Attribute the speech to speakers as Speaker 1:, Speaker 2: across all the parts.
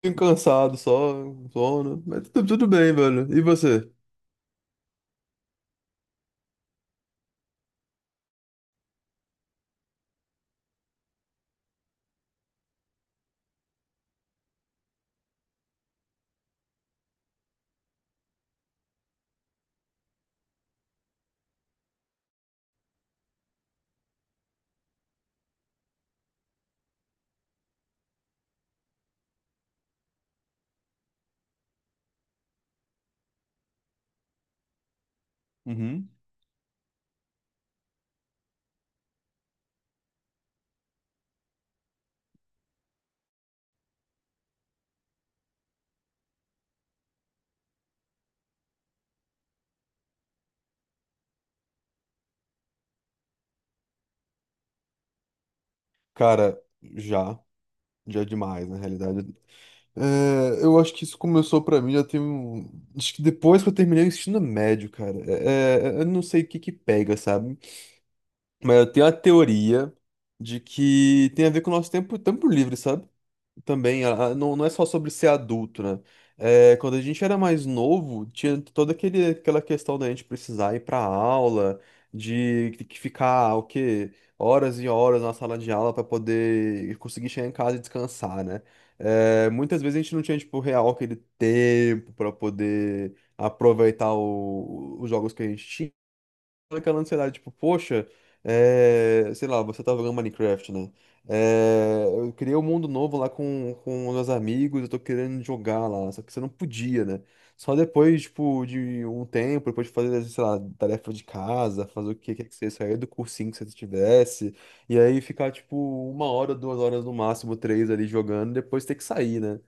Speaker 1: Pouquinho cansado, só sono, mas tudo bem, velho. E você? Uhum. Cara, já, já é demais, na realidade. É, eu acho que isso começou pra mim, já tem um. Acho que depois que eu terminei o ensino médio, cara. É, eu não sei o que que pega, sabe? Mas eu tenho a teoria de que tem a ver com o nosso tempo, tempo livre, sabe? Também, não, não é só sobre ser adulto, né? É, quando a gente era mais novo, tinha aquela questão da gente precisar ir pra aula, de ter que ficar, o quê? Horas e horas na sala de aula para poder conseguir chegar em casa e descansar, né? É, muitas vezes a gente não tinha, tipo, real aquele tempo para poder aproveitar os jogos que a gente tinha aquela ansiedade, tipo, poxa, é, sei lá, você tava jogando Minecraft, né? É, eu criei um mundo novo lá com meus amigos, eu tô querendo jogar lá, só que você não podia, né? Só depois, tipo, de um tempo, depois de fazer, sei lá, tarefa de casa, fazer o que quer que seja, sair do cursinho que você tivesse, e aí ficar, tipo, uma hora, duas horas no máximo, três ali jogando, e depois ter que sair, né?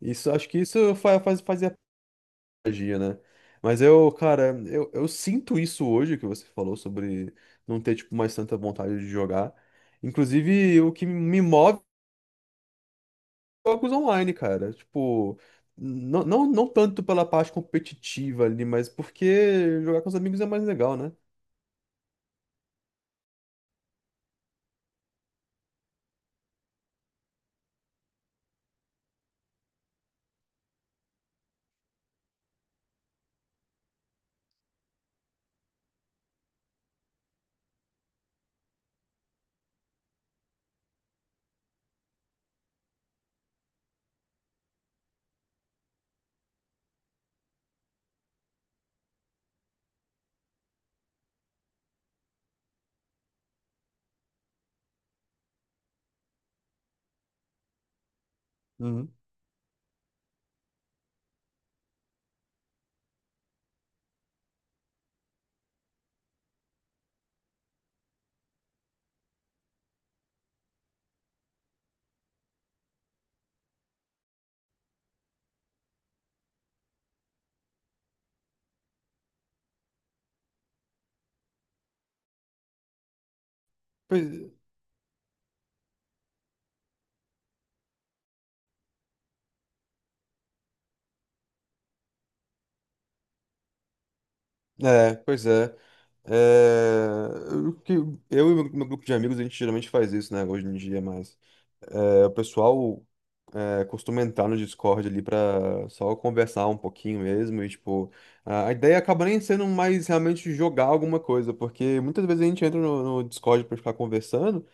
Speaker 1: Isso, acho que isso fazia magia, né? Mas eu, cara, eu sinto isso hoje que você falou sobre não ter, tipo, mais tanta vontade de jogar. Inclusive, o que me move é jogos online, cara. Tipo, não, não, não tanto pela parte competitiva ali, mas porque jogar com os amigos é mais legal, né? Uhum. Pois é, pois é. É, eu e meu grupo de amigos, a gente geralmente faz isso, né? Hoje em dia, mas é, o pessoal. É, costuma entrar no Discord ali pra só conversar um pouquinho mesmo e, tipo, a ideia acaba nem sendo mais realmente jogar alguma coisa, porque muitas vezes a gente entra no Discord pra ficar conversando,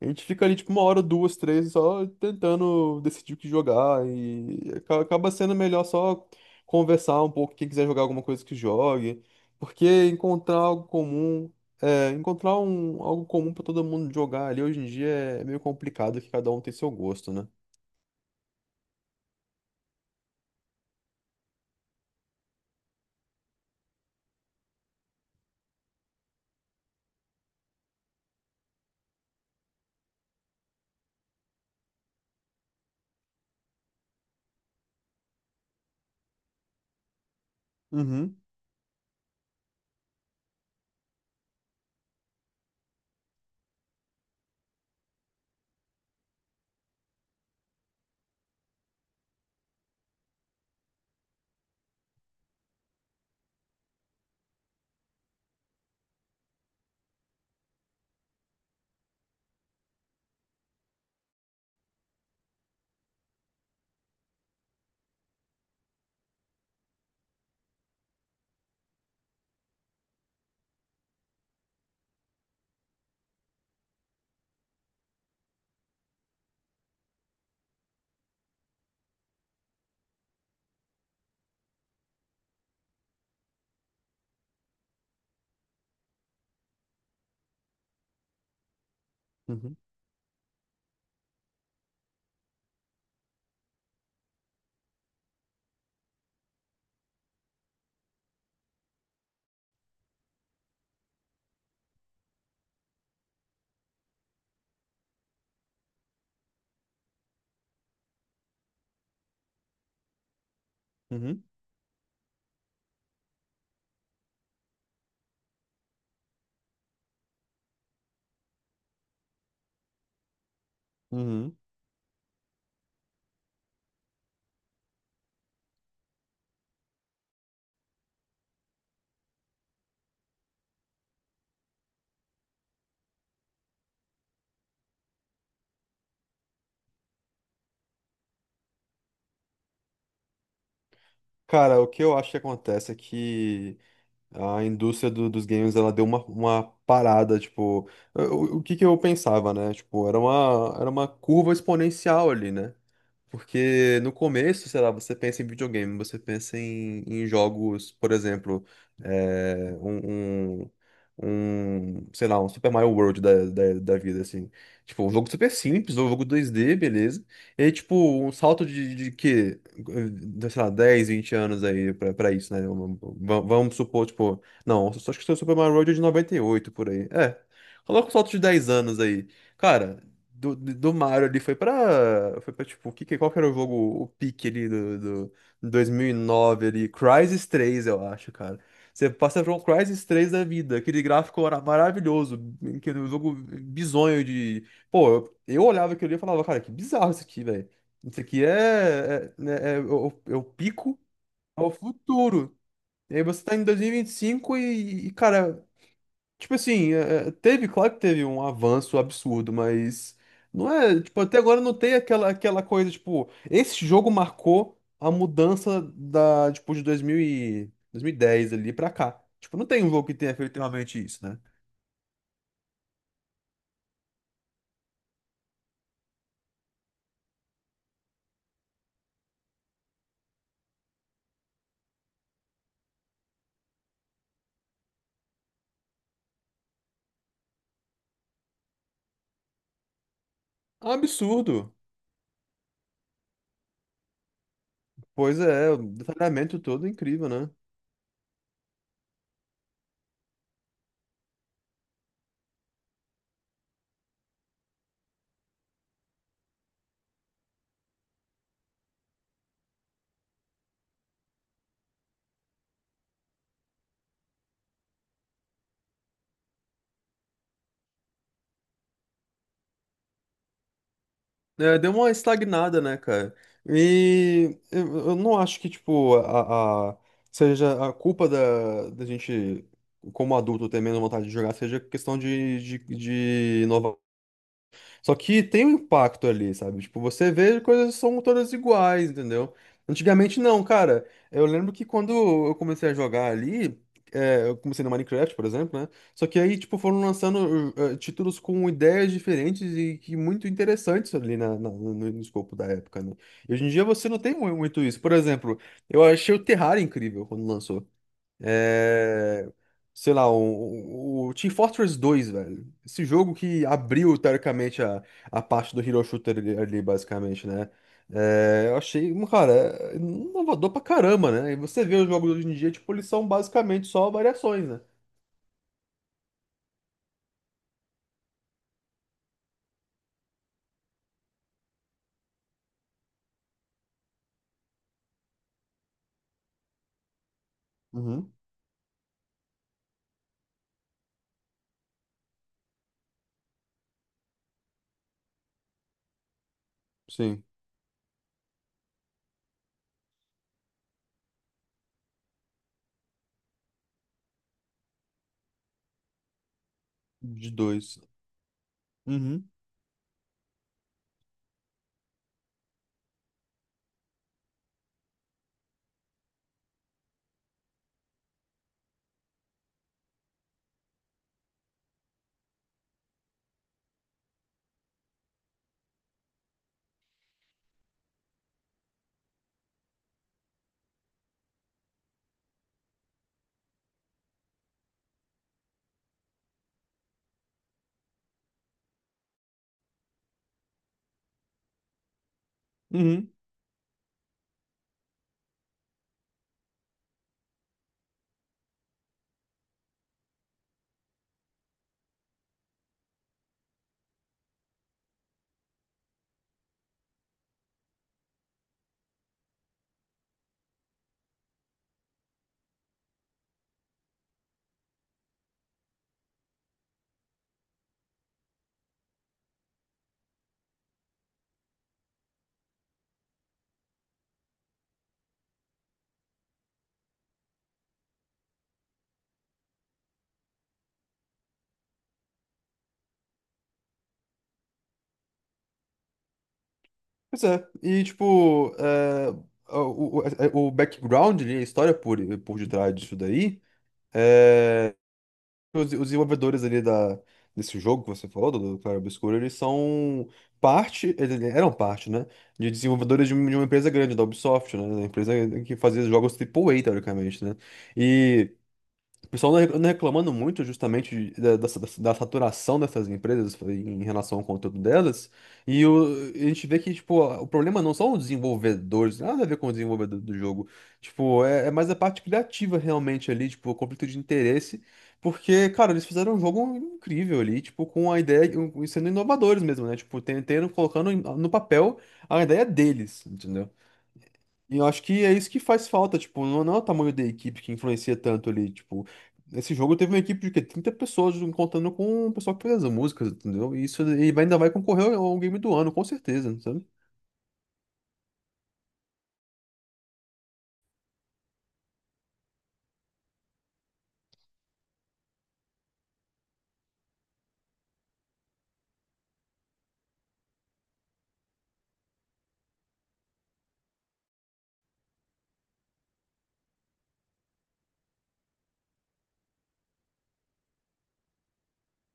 Speaker 1: a gente fica ali, tipo, uma hora, duas, três, só tentando decidir o que jogar e acaba sendo melhor só conversar um pouco, quem quiser jogar alguma coisa que jogue, porque encontrar algo comum, é, encontrar algo comum pra todo mundo jogar ali hoje em dia é meio complicado, que cada um tem seu gosto, né? Uhum. Uhum. Uhum, uhum. Cara, o que eu acho que acontece é que a indústria dos games, ela deu uma parada, tipo, o que que eu pensava, né? Tipo, era uma curva exponencial ali, né? Porque no começo, sei lá, você pensa em videogame, você pensa em jogos, por exemplo, é, um, sei lá, um Super Mario World da vida, assim. Tipo, um jogo super simples, um jogo 2D beleza. E, tipo, um salto de que, sei lá, 10, 20 anos aí pra isso, né? Vamos supor, tipo, não, só acho que o Super Mario World é de 98 por aí. É, coloca um salto de 10 anos aí. Cara, do Mario ali foi pra, tipo, qual que era o jogo, o pique ali do 2009 ali? Crysis 3 eu acho, cara. Você passa por um Crysis 3 da vida, aquele gráfico era maravilhoso, aquele jogo bizonho de. Pô, eu olhava aquilo ali e falava, cara, que bizarro isso aqui, velho. Isso aqui né, é o pico ao futuro. E aí você tá em 2025 e, cara, tipo assim, claro que teve um avanço absurdo, mas não é, tipo, até agora não tem aquela coisa, tipo, esse jogo marcou a mudança da, tipo, de 2010 ali pra cá. Tipo, não tem um jogo que tenha feito realmente isso, né? É um absurdo. Pois é, o detalhamento todo é incrível, né? É, deu uma estagnada, né, cara? E eu não acho que, tipo, seja a culpa da gente, como adulto, ter menos vontade de jogar, seja questão de só que tem um impacto ali, sabe? Tipo, você vê coisas que são todas iguais, entendeu? Antigamente não, cara. Eu lembro que quando eu comecei a jogar ali, é, eu comecei no Minecraft, por exemplo, né? Só que aí, tipo, foram lançando títulos com ideias diferentes e que muito interessantes ali no escopo da época, né? E hoje em dia você não tem muito isso. Por exemplo, eu achei o Terraria incrível quando lançou. É, sei lá, o Team Fortress 2 velho. Esse jogo que abriu, teoricamente, a parte do Hero Shooter ali, basicamente, né? É, eu achei, um, cara, é inovador pra caramba, né? E você vê os jogos hoje em dia, tipo, eles são basicamente só variações, né? Uhum. Sim, de dois. Uhum. Uhum. Pois é. E, tipo, é, o background, ali, a história por detrás disso daí. É, os desenvolvedores ali desse jogo que você falou, do Claro Obscuro, eles eram parte, né? De desenvolvedores de uma empresa grande, da Ubisoft, né? Uma empresa que fazia jogos AAA, teoricamente, né? E. O pessoal não reclamando muito justamente da saturação dessas empresas em relação ao conteúdo delas. E a gente vê que, tipo, o problema não são os desenvolvedores, nada a ver com o desenvolvedor do jogo. Tipo, é mais a parte criativa realmente ali, tipo, o conflito de interesse. Porque, cara, eles fizeram um jogo incrível ali, tipo, com a ideia, sendo inovadores mesmo, né? Tipo, colocando no papel a ideia deles, entendeu? E eu acho que é isso que faz falta, tipo, não não é o tamanho da equipe que influencia tanto ali, tipo, esse jogo teve uma equipe de quê? 30 pessoas contando com o pessoal que fez as músicas, entendeu? E isso e ainda vai concorrer ao game do ano, com certeza, sabe?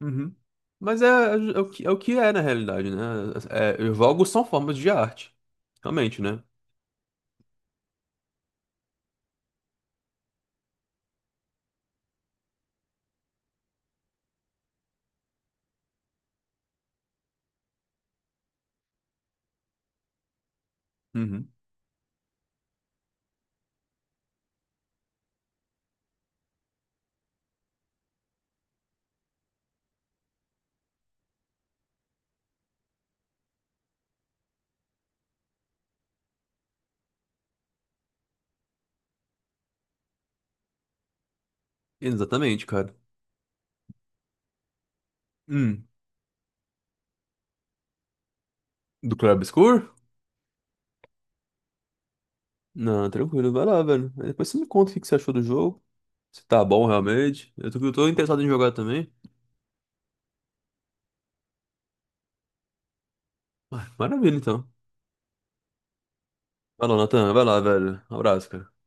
Speaker 1: Uhum. Mas é o que é na realidade, né? É, jogos são formas de arte, realmente, né? Uhum. Exatamente, cara. Hum. Do Claro Obscur? Não, tranquilo, vai lá, velho. Aí depois você me conta o que que você achou do jogo. Se tá bom realmente. Eu tô interessado em jogar também. Ah, maravilha, então. Vai lá, Natan. Vai lá, velho. Um abraço, cara.